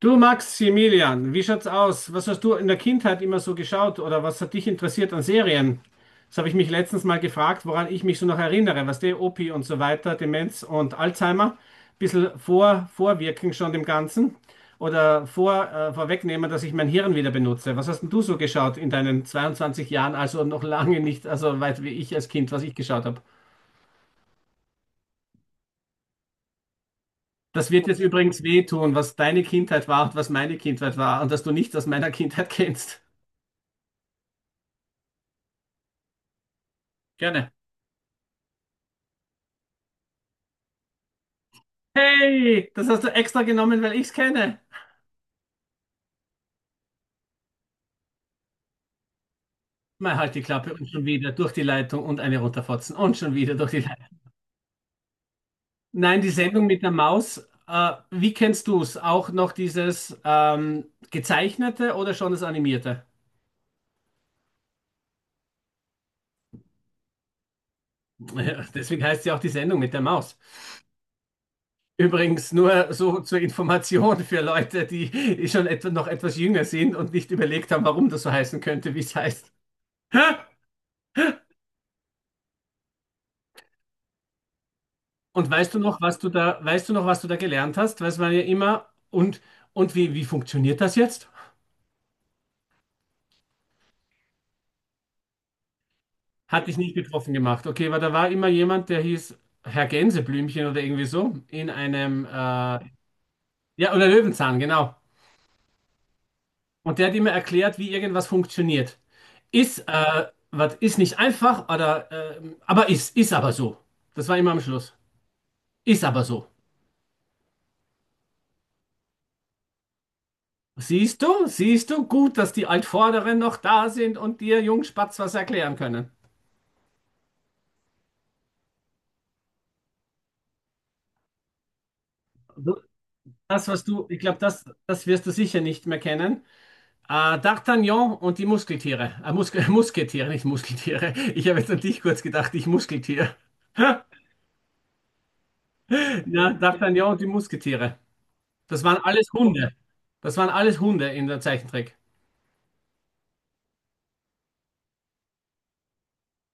Du Maximilian, wie schaut's aus? Was hast du in der Kindheit immer so geschaut oder was hat dich interessiert an Serien? Das habe ich mich letztens mal gefragt, woran ich mich so noch erinnere, was der Opi und so weiter, Demenz und Alzheimer, bisschen vorwirken schon dem Ganzen oder vorwegnehmen, dass ich mein Hirn wieder benutze. Was hast denn du so geschaut in deinen 22 Jahren, also noch lange nicht, also weit wie ich als Kind, was ich geschaut habe? Das wird jetzt übrigens wehtun, was deine Kindheit war und was meine Kindheit war und dass du nichts aus meiner Kindheit kennst. Gerne. Hey, das hast du extra genommen, weil ich's kenne. Mal halt die Klappe und schon wieder durch die Leitung und eine runterfotzen und schon wieder durch die Leitung. Nein, die Sendung mit der Maus, wie kennst du's? Auch noch dieses gezeichnete oder schon das animierte? Ja, deswegen heißt sie auch die Sendung mit der Maus. Übrigens nur so zur Information für Leute, die schon etwa noch etwas jünger sind und nicht überlegt haben, warum das so heißen könnte, wie es heißt. Und weißt du noch, was du da gelernt hast? Weiß man ja immer. Und wie funktioniert das jetzt? Hat dich nicht betroffen gemacht. Okay, weil da war immer jemand, der hieß Herr Gänseblümchen oder irgendwie so, in einem, ja, oder Löwenzahn, genau. Und der hat immer erklärt, wie irgendwas funktioniert. Ist, was ist nicht einfach, oder, aber ist aber so. Das war immer am Schluss. Ist aber so. Siehst du, gut, dass die Altvorderen noch da sind und dir Jungspatz was erklären können. Ich glaube, das wirst du sicher nicht mehr kennen. D'Artagnan und die Muskeltiere. Musketiere, nicht Muskeltiere. Ich habe jetzt an dich kurz gedacht, ich Muskeltier. Ja, D'Artagnan und die Musketiere. Das waren alles Hunde. Das waren alles Hunde in der Zeichentrick.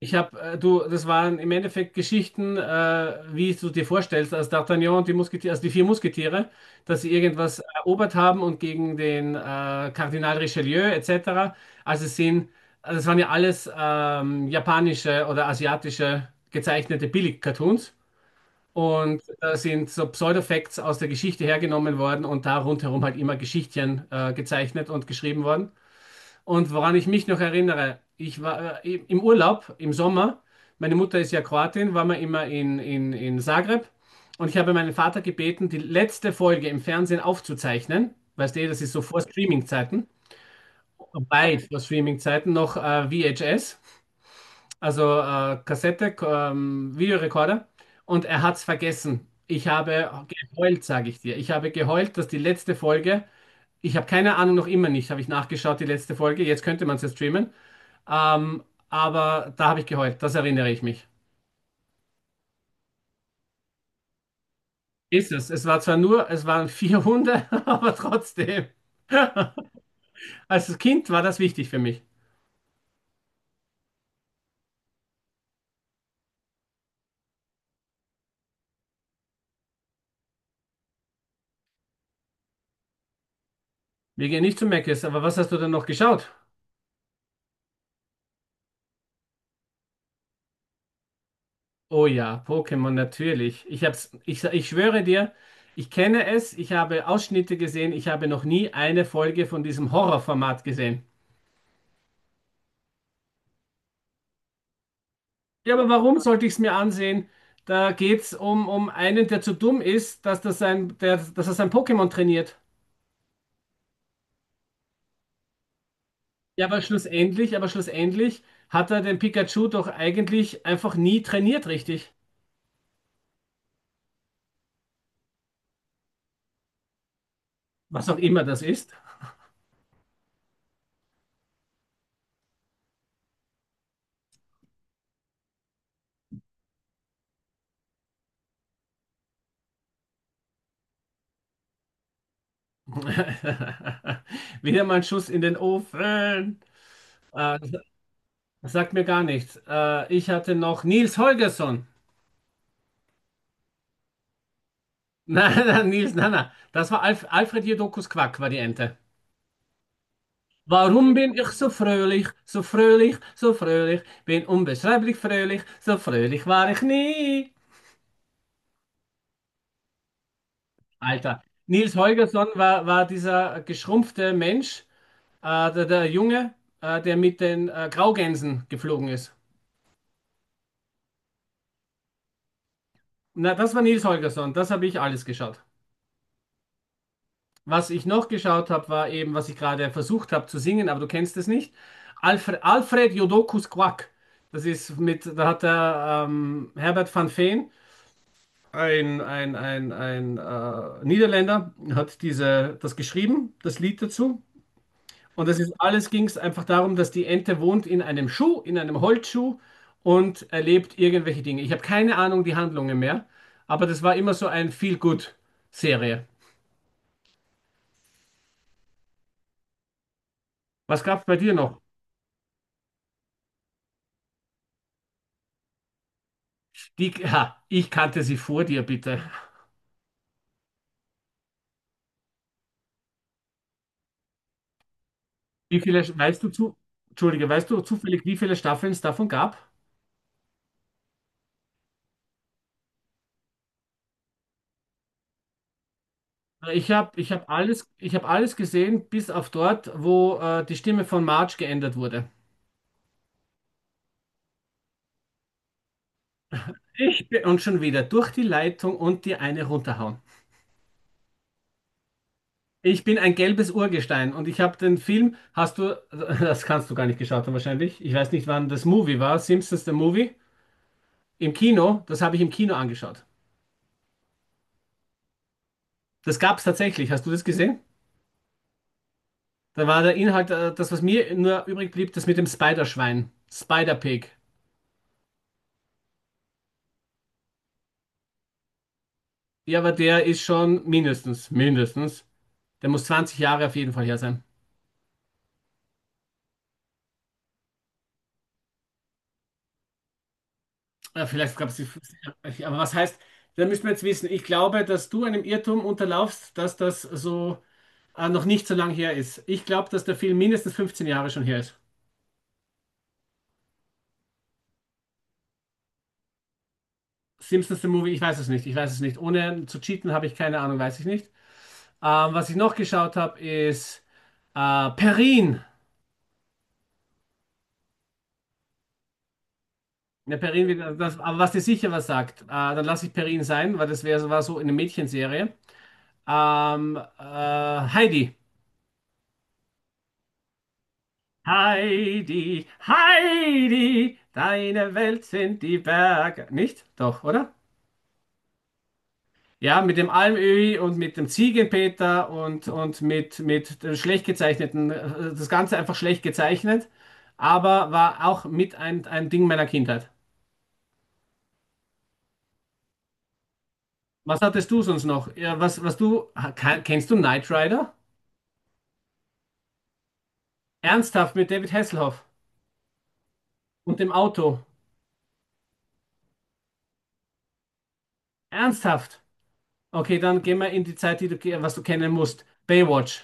Ich habe, du, das waren im Endeffekt Geschichten, wie du dir vorstellst, als D'Artagnan und die Musketiere, also die vier Musketiere, dass sie irgendwas erobert haben und gegen den Kardinal Richelieu etc. Also es sind, also es waren ja alles japanische oder asiatische gezeichnete Billig-Cartoons und da sind so Pseudo-Facts aus der Geschichte hergenommen worden und da rundherum halt immer Geschichtchen gezeichnet und geschrieben worden. Und woran ich mich noch erinnere, ich war im Urlaub im Sommer, meine Mutter ist ja Kroatin, waren wir immer in Zagreb und ich habe meinen Vater gebeten, die letzte Folge im Fernsehen aufzuzeichnen. Weißt du, das ist so vor Streaming-Zeiten, weit vor Streaming-Zeiten, noch VHS, also Kassette, Videorekorder. Und er hat es vergessen. Ich habe geheult, sage ich dir. Ich habe geheult, dass die letzte Folge, ich habe keine Ahnung, noch immer nicht, habe ich nachgeschaut, die letzte Folge, jetzt könnte man es ja streamen. Ähm, aber da habe ich geheult, das erinnere ich mich. Ist es. Es war zwar nur, es waren vier Hunde, aber trotzdem. Als Kind war das wichtig für mich. Wir gehen nicht zu Meckes, aber was hast du denn noch geschaut? Oh ja, Pokémon natürlich. Ich schwöre dir, ich kenne es, ich habe Ausschnitte gesehen, ich habe noch nie eine Folge von diesem Horrorformat gesehen. Ja, aber warum sollte ich es mir ansehen? Da geht's um einen, der zu dumm ist, dass er sein Pokémon trainiert. Ja, aber schlussendlich hat er den Pikachu doch eigentlich einfach nie trainiert, richtig? Was auch immer das ist. Wieder mal ein Schuss in den Ofen. Äh, Das sagt mir gar nichts. Ich hatte noch Nils Holgersson. Nein, nein, Nils, nein, nein. Das war Alfred Jodokus Quack, war die Ente. Warum bin ich so fröhlich, so fröhlich, so fröhlich? Bin unbeschreiblich fröhlich, so fröhlich war ich nie. Alter. Nils Holgersson war, war dieser geschrumpfte Mensch, der Junge, der mit den Graugänsen geflogen ist. Na, das war Nils Holgersson, das habe ich alles geschaut. Was ich noch geschaut habe, war eben, was ich gerade versucht habe zu singen, aber du kennst es nicht. Alfred, Alfred Jodokus Quack. Da hat der Herbert van Veen, ein Niederländer, hat das geschrieben, das Lied dazu. Und das ist alles ging es einfach darum, dass die Ente wohnt in einem Schuh, in einem Holzschuh und erlebt irgendwelche Dinge. Ich habe keine Ahnung die Handlungen mehr, aber das war immer so ein Feel-Good-Serie. Was gab es bei dir noch? Die, ha, ich kannte sie vor dir, bitte. Wie viele, weißt du zu, Entschuldige, weißt du zufällig, wie viele Staffeln es davon gab? Ich hab alles gesehen, bis auf dort, wo die Stimme von Marge geändert wurde. Und schon wieder durch die Leitung und dir eine runterhauen. Ich bin ein gelbes Urgestein und ich habe den Film, das kannst du gar nicht geschaut haben wahrscheinlich. Ich weiß nicht, wann das Movie war, Simpsons the Movie, im Kino, das habe ich im Kino angeschaut. Das gab es tatsächlich, hast du das gesehen? Da war der Inhalt, das, was mir nur übrig blieb, das mit dem Spiderschwein, Spider-Pig. Ja, aber der ist schon mindestens, mindestens, der muss 20 Jahre auf jeden Fall her sein. Ja, vielleicht gab es die, 50, aber was heißt, da müssen wir jetzt wissen, ich glaube, dass du einem Irrtum unterlaufst, dass das so noch nicht so lange her ist. Ich glaube, dass der Film mindestens 15 Jahre schon her ist. Simpsons The Movie, ich weiß es nicht, ich weiß es nicht. Ohne zu cheaten habe ich keine Ahnung, weiß ich nicht. Was ich noch geschaut habe, ist Perrin. Ja, Perrin, aber was dir sicher was sagt, dann lasse ich Perrin sein, weil das war so eine Mädchenserie. Ähm, äh, Heidi. Heidi, Heidi, deine Welt sind die Berge. Nicht? Doch, oder? Ja, mit dem Almöhi und mit dem Ziegenpeter und mit der schlecht gezeichneten, das Ganze einfach schlecht gezeichnet, aber war auch mit ein Ding meiner Kindheit. Was hattest du sonst noch? Ja, was, was du, ha- ke- kennst du Knight Rider? Ernsthaft mit David Hasselhoff und dem Auto. Ernsthaft. Okay, dann gehen wir in die Zeit, was du kennen musst. Baywatch.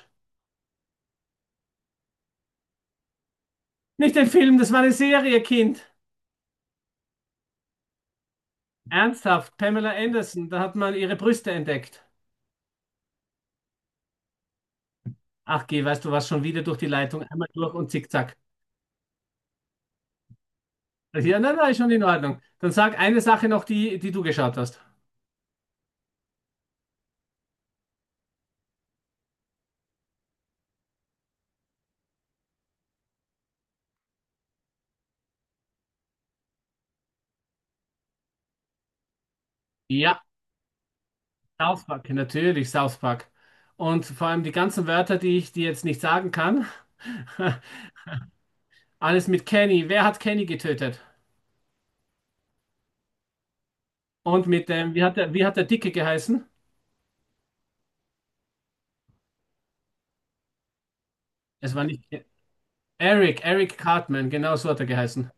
Nicht den Film, das war eine Serie, Kind. Ernsthaft, Pamela Anderson, da hat man ihre Brüste entdeckt. Ach, geh, weißt du was, schon wieder durch die Leitung, einmal durch und zickzack. Ja, nein, nein, ist schon in Ordnung. Dann sag eine Sache noch, die du geschaut hast. Ja, South Park, natürlich South Park. Und vor allem die ganzen Wörter, die ich dir jetzt nicht sagen kann. Alles mit Kenny. Wer hat Kenny getötet? Und mit dem, wie hat der Dicke geheißen? Es war nicht Eric, Eric Cartman, genau so hat er geheißen.